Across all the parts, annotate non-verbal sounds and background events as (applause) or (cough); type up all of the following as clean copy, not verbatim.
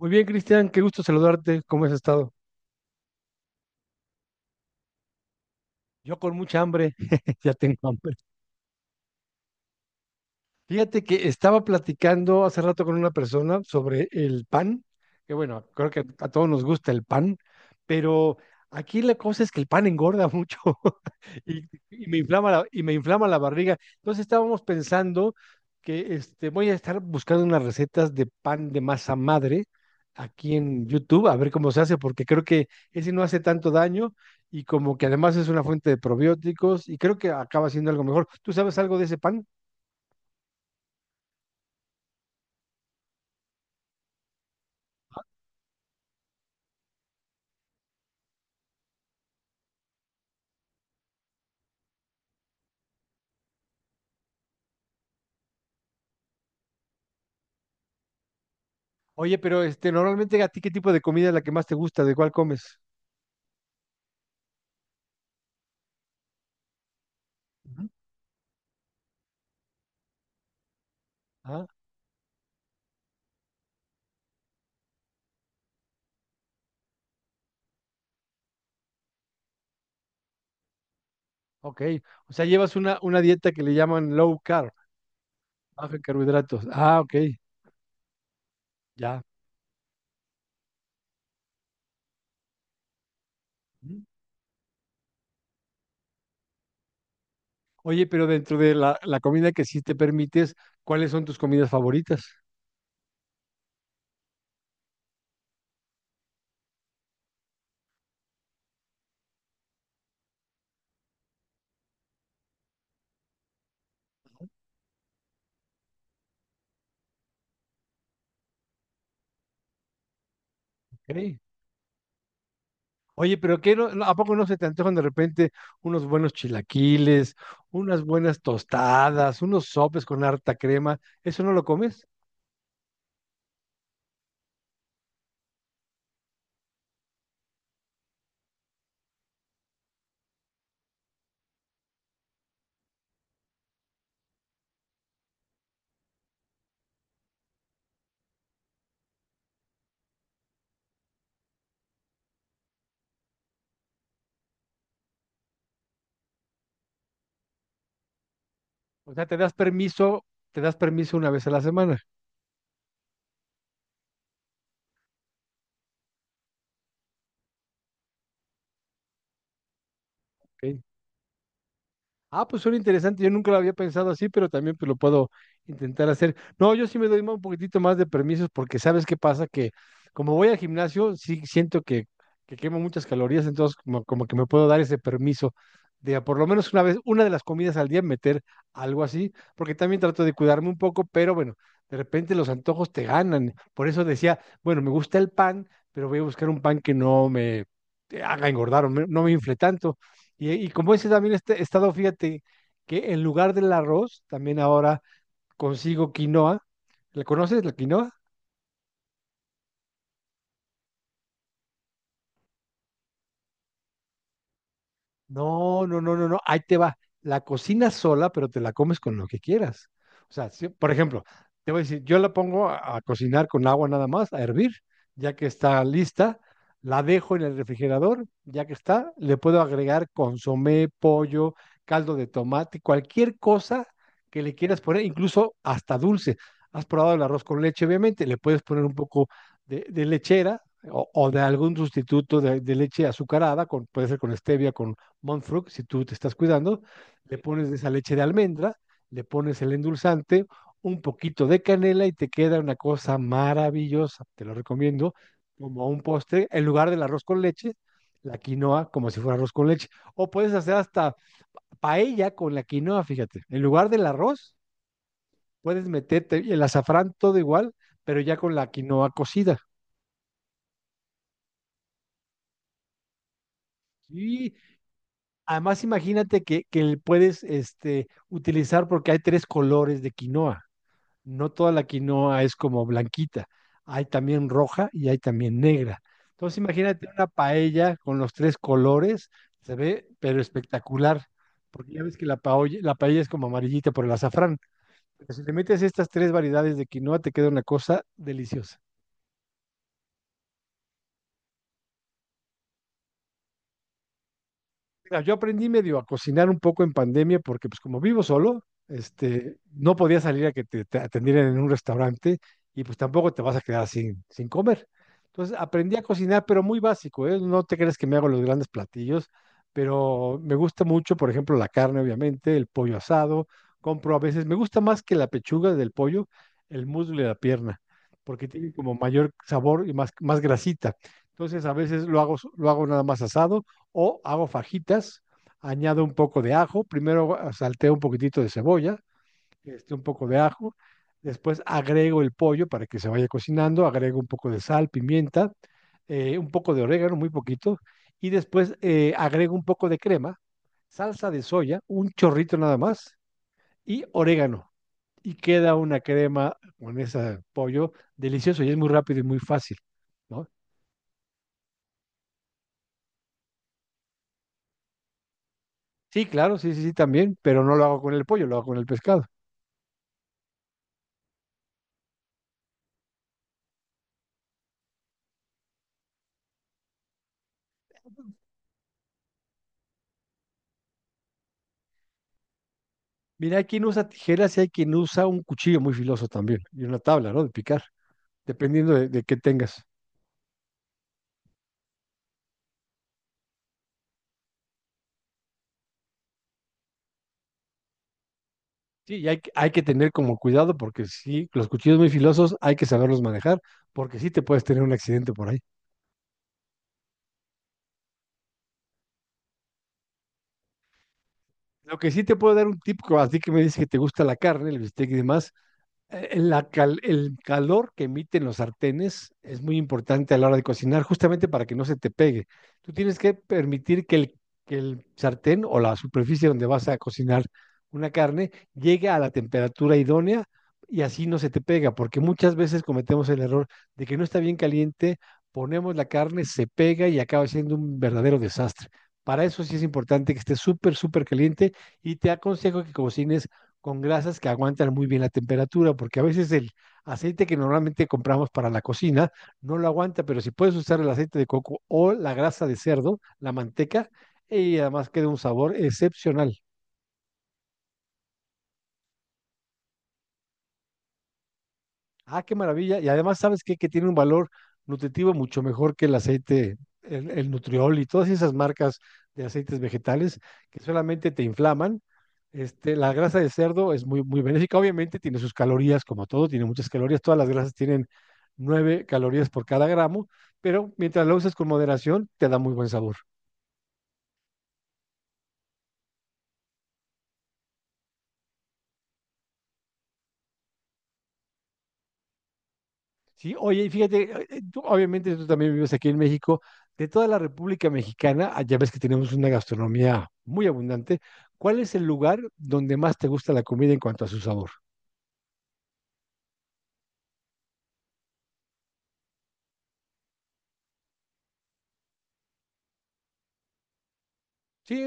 Muy bien, Cristian, qué gusto saludarte. ¿Cómo has estado? Yo con mucha hambre, (laughs) ya tengo hambre. Fíjate que estaba platicando hace rato con una persona sobre el pan, que bueno, creo que a todos nos gusta el pan, pero aquí la cosa es que el pan engorda mucho (laughs) y, y y me inflama la barriga. Entonces estábamos pensando que voy a estar buscando unas recetas de pan de masa madre aquí en YouTube, a ver cómo se hace, porque creo que ese no hace tanto daño y como que además es una fuente de probióticos y creo que acaba siendo algo mejor. ¿Tú sabes algo de ese pan? Oye, pero normalmente a ti, ¿qué tipo de comida es la que más te gusta? ¿De cuál comes? Ujú. Ah, ok. O sea, llevas una dieta que le llaman low carb, baja en carbohidratos. Ah, ok, ya. Ujú. Oye, pero dentro de la comida que sí te permites, ¿cuáles son tus comidas favoritas? Ok. Oye, pero ¿qué no- no- ¿a poco no se te antojan de repente unos buenos chilaquiles, unas buenas tostadas, unos sopes con harta crema? ¿Eso no lo comes? O sea, te das permiso una vez a la semana. Ok. Ah, pues suena interesante, yo nunca lo había pensado así, pero también pues lo puedo intentar hacer. No, yo sí me doy un poquitito más de permisos porque sabes qué pasa, que como voy al gimnasio, sí siento que quemo muchas calorías, entonces como que me puedo dar ese permiso de a por lo menos una vez, una de las comidas al día meter algo así, porque también trato de cuidarme un poco, pero bueno, de repente los antojos te ganan. Por eso decía, bueno, me gusta el pan, pero voy a buscar un pan que no me haga engordar o no me infle tanto. Y como ese también este estado, fíjate que en lugar del arroz, también ahora consigo quinoa. ¿La conoces, la quinoa? No, no, no, no, no. Ahí te va. La cocinas sola, pero te la comes con lo que quieras. O sea, por ejemplo, te voy a decir, yo la pongo a cocinar con agua nada más, a hervir, ya que está lista, la dejo en el refrigerador, ya que está, le puedo agregar consomé, pollo, caldo de tomate, cualquier cosa que le quieras poner, incluso hasta dulce. Has probado el arroz con leche, obviamente, le puedes poner un poco de lechera o de algún sustituto de leche azucarada, con, puede ser con stevia, con Montfruc, si tú te estás cuidando, le pones de esa leche de almendra, le pones el endulzante, un poquito de canela y te queda una cosa maravillosa. Te lo recomiendo como un postre en lugar del arroz con leche, la quinoa como si fuera arroz con leche. O puedes hacer hasta paella con la quinoa, fíjate. En lugar del arroz, puedes meterte el azafrán todo igual, pero ya con la quinoa cocida. Y además imagínate que le puedes este, utilizar porque hay tres colores de quinoa. No toda la quinoa es como blanquita, hay también roja y hay también negra. Entonces imagínate una paella con los tres colores, se ve pero espectacular, porque ya ves que la paella es como amarillita por el azafrán, pero si le metes estas tres variedades de quinoa te queda una cosa deliciosa. Mira, yo aprendí medio a cocinar un poco en pandemia porque pues como vivo solo, este, no podía salir a que te atendieran en un restaurante y pues tampoco te vas a quedar sin comer. Entonces aprendí a cocinar, pero muy básico, ¿eh? No te crees que me hago los grandes platillos, pero me gusta mucho, por ejemplo, la carne, obviamente, el pollo asado, compro a veces, me gusta más que la pechuga del pollo, el muslo y la pierna, porque tiene como mayor sabor y más, más grasita. Entonces a veces lo hago nada más asado o hago fajitas, añado un poco de ajo, primero salteo un poquitito de cebolla, este, un poco de ajo, después agrego el pollo para que se vaya cocinando, agrego un poco de sal, pimienta, un poco de orégano, muy poquito, y después agrego un poco de crema, salsa de soya, un chorrito nada más, y orégano. Y queda una crema con ese pollo delicioso y es muy rápido y muy fácil, ¿no? Sí, claro, sí, sí, sí, también, pero no lo hago con el pollo, lo hago con el pescado. Mira, hay quien usa tijeras y hay quien usa un cuchillo muy filoso también, y una tabla, ¿no? De picar, dependiendo de qué tengas. Sí, y hay, hay que tener como cuidado porque sí, los cuchillos muy filosos hay que saberlos manejar, porque sí te puedes tener un accidente por ahí. Lo que sí te puedo dar un tip, a ti que me dices que te gusta la carne, el bistec y demás, el calor que emiten los sartenes es muy importante a la hora de cocinar, justamente para que no se te pegue. Tú tienes que permitir que el, sartén o la superficie donde vas a cocinar una carne llegue a la temperatura idónea y así no se te pega, porque muchas veces cometemos el error de que no está bien caliente, ponemos la carne, se pega y acaba siendo un verdadero desastre. Para eso sí es importante que esté súper, súper caliente y te aconsejo que cocines con grasas que aguantan muy bien la temperatura, porque a veces el aceite que normalmente compramos para la cocina no lo aguanta, pero si puedes usar el aceite de coco o la grasa de cerdo, la manteca, y además queda un sabor excepcional. Ah, qué maravilla. Y además, ¿sabes qué? Que tiene un valor nutritivo mucho mejor que el aceite, el Nutriol y todas esas marcas de aceites vegetales que solamente te inflaman. Este, la grasa de cerdo es muy, muy benéfica. Obviamente tiene sus calorías, como todo, tiene muchas calorías. Todas las grasas tienen 9 calorías por cada gramo, pero mientras lo uses con moderación, te da muy buen sabor. Sí, oye, y fíjate, obviamente tú también vives aquí en México, de toda la República Mexicana, ah, ya ves que tenemos una gastronomía muy abundante, ¿cuál es el lugar donde más te gusta la comida en cuanto a su sabor? Sí,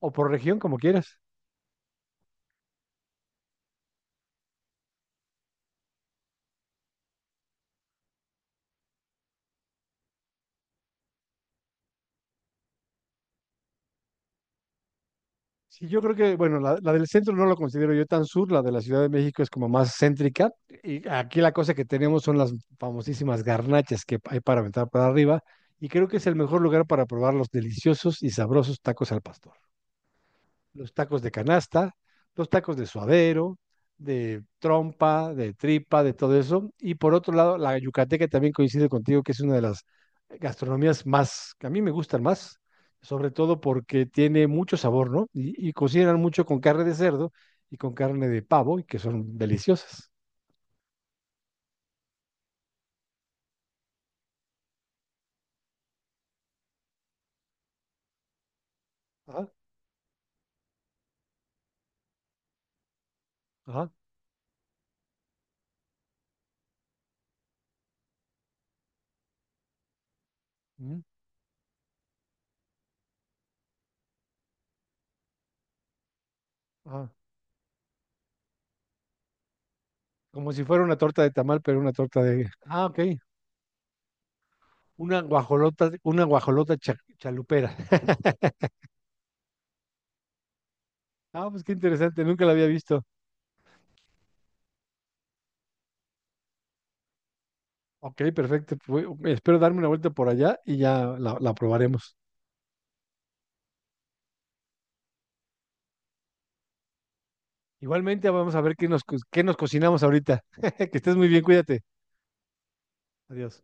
o por región, como quieras. Sí, yo creo que, bueno, la del centro no lo considero yo tan sur, la de la Ciudad de México es como más céntrica, y aquí la cosa que tenemos son las famosísimas garnachas que hay para aventar para arriba, y creo que es el mejor lugar para probar los deliciosos y sabrosos tacos al pastor. Los tacos de canasta, los tacos de suadero, de trompa, de tripa, de todo eso. Y por otro lado, la yucateca también coincide contigo, que es una de las gastronomías más, que a mí me gustan más, sobre todo porque tiene mucho sabor, ¿no? Y cocinan mucho con carne de cerdo y con carne de pavo, y que son deliciosas. Ajá, ajá, mm, ajá. Como si fuera una torta de tamal, pero una torta de... Ah, ok. Una guajolota chalupera. (laughs) Ah, pues qué interesante, nunca la había visto. Ok, perfecto. Pues, espero darme una vuelta por allá y ya la probaremos. Igualmente, vamos a ver qué nos cocinamos ahorita. (laughs) Que estés muy bien, cuídate. Adiós.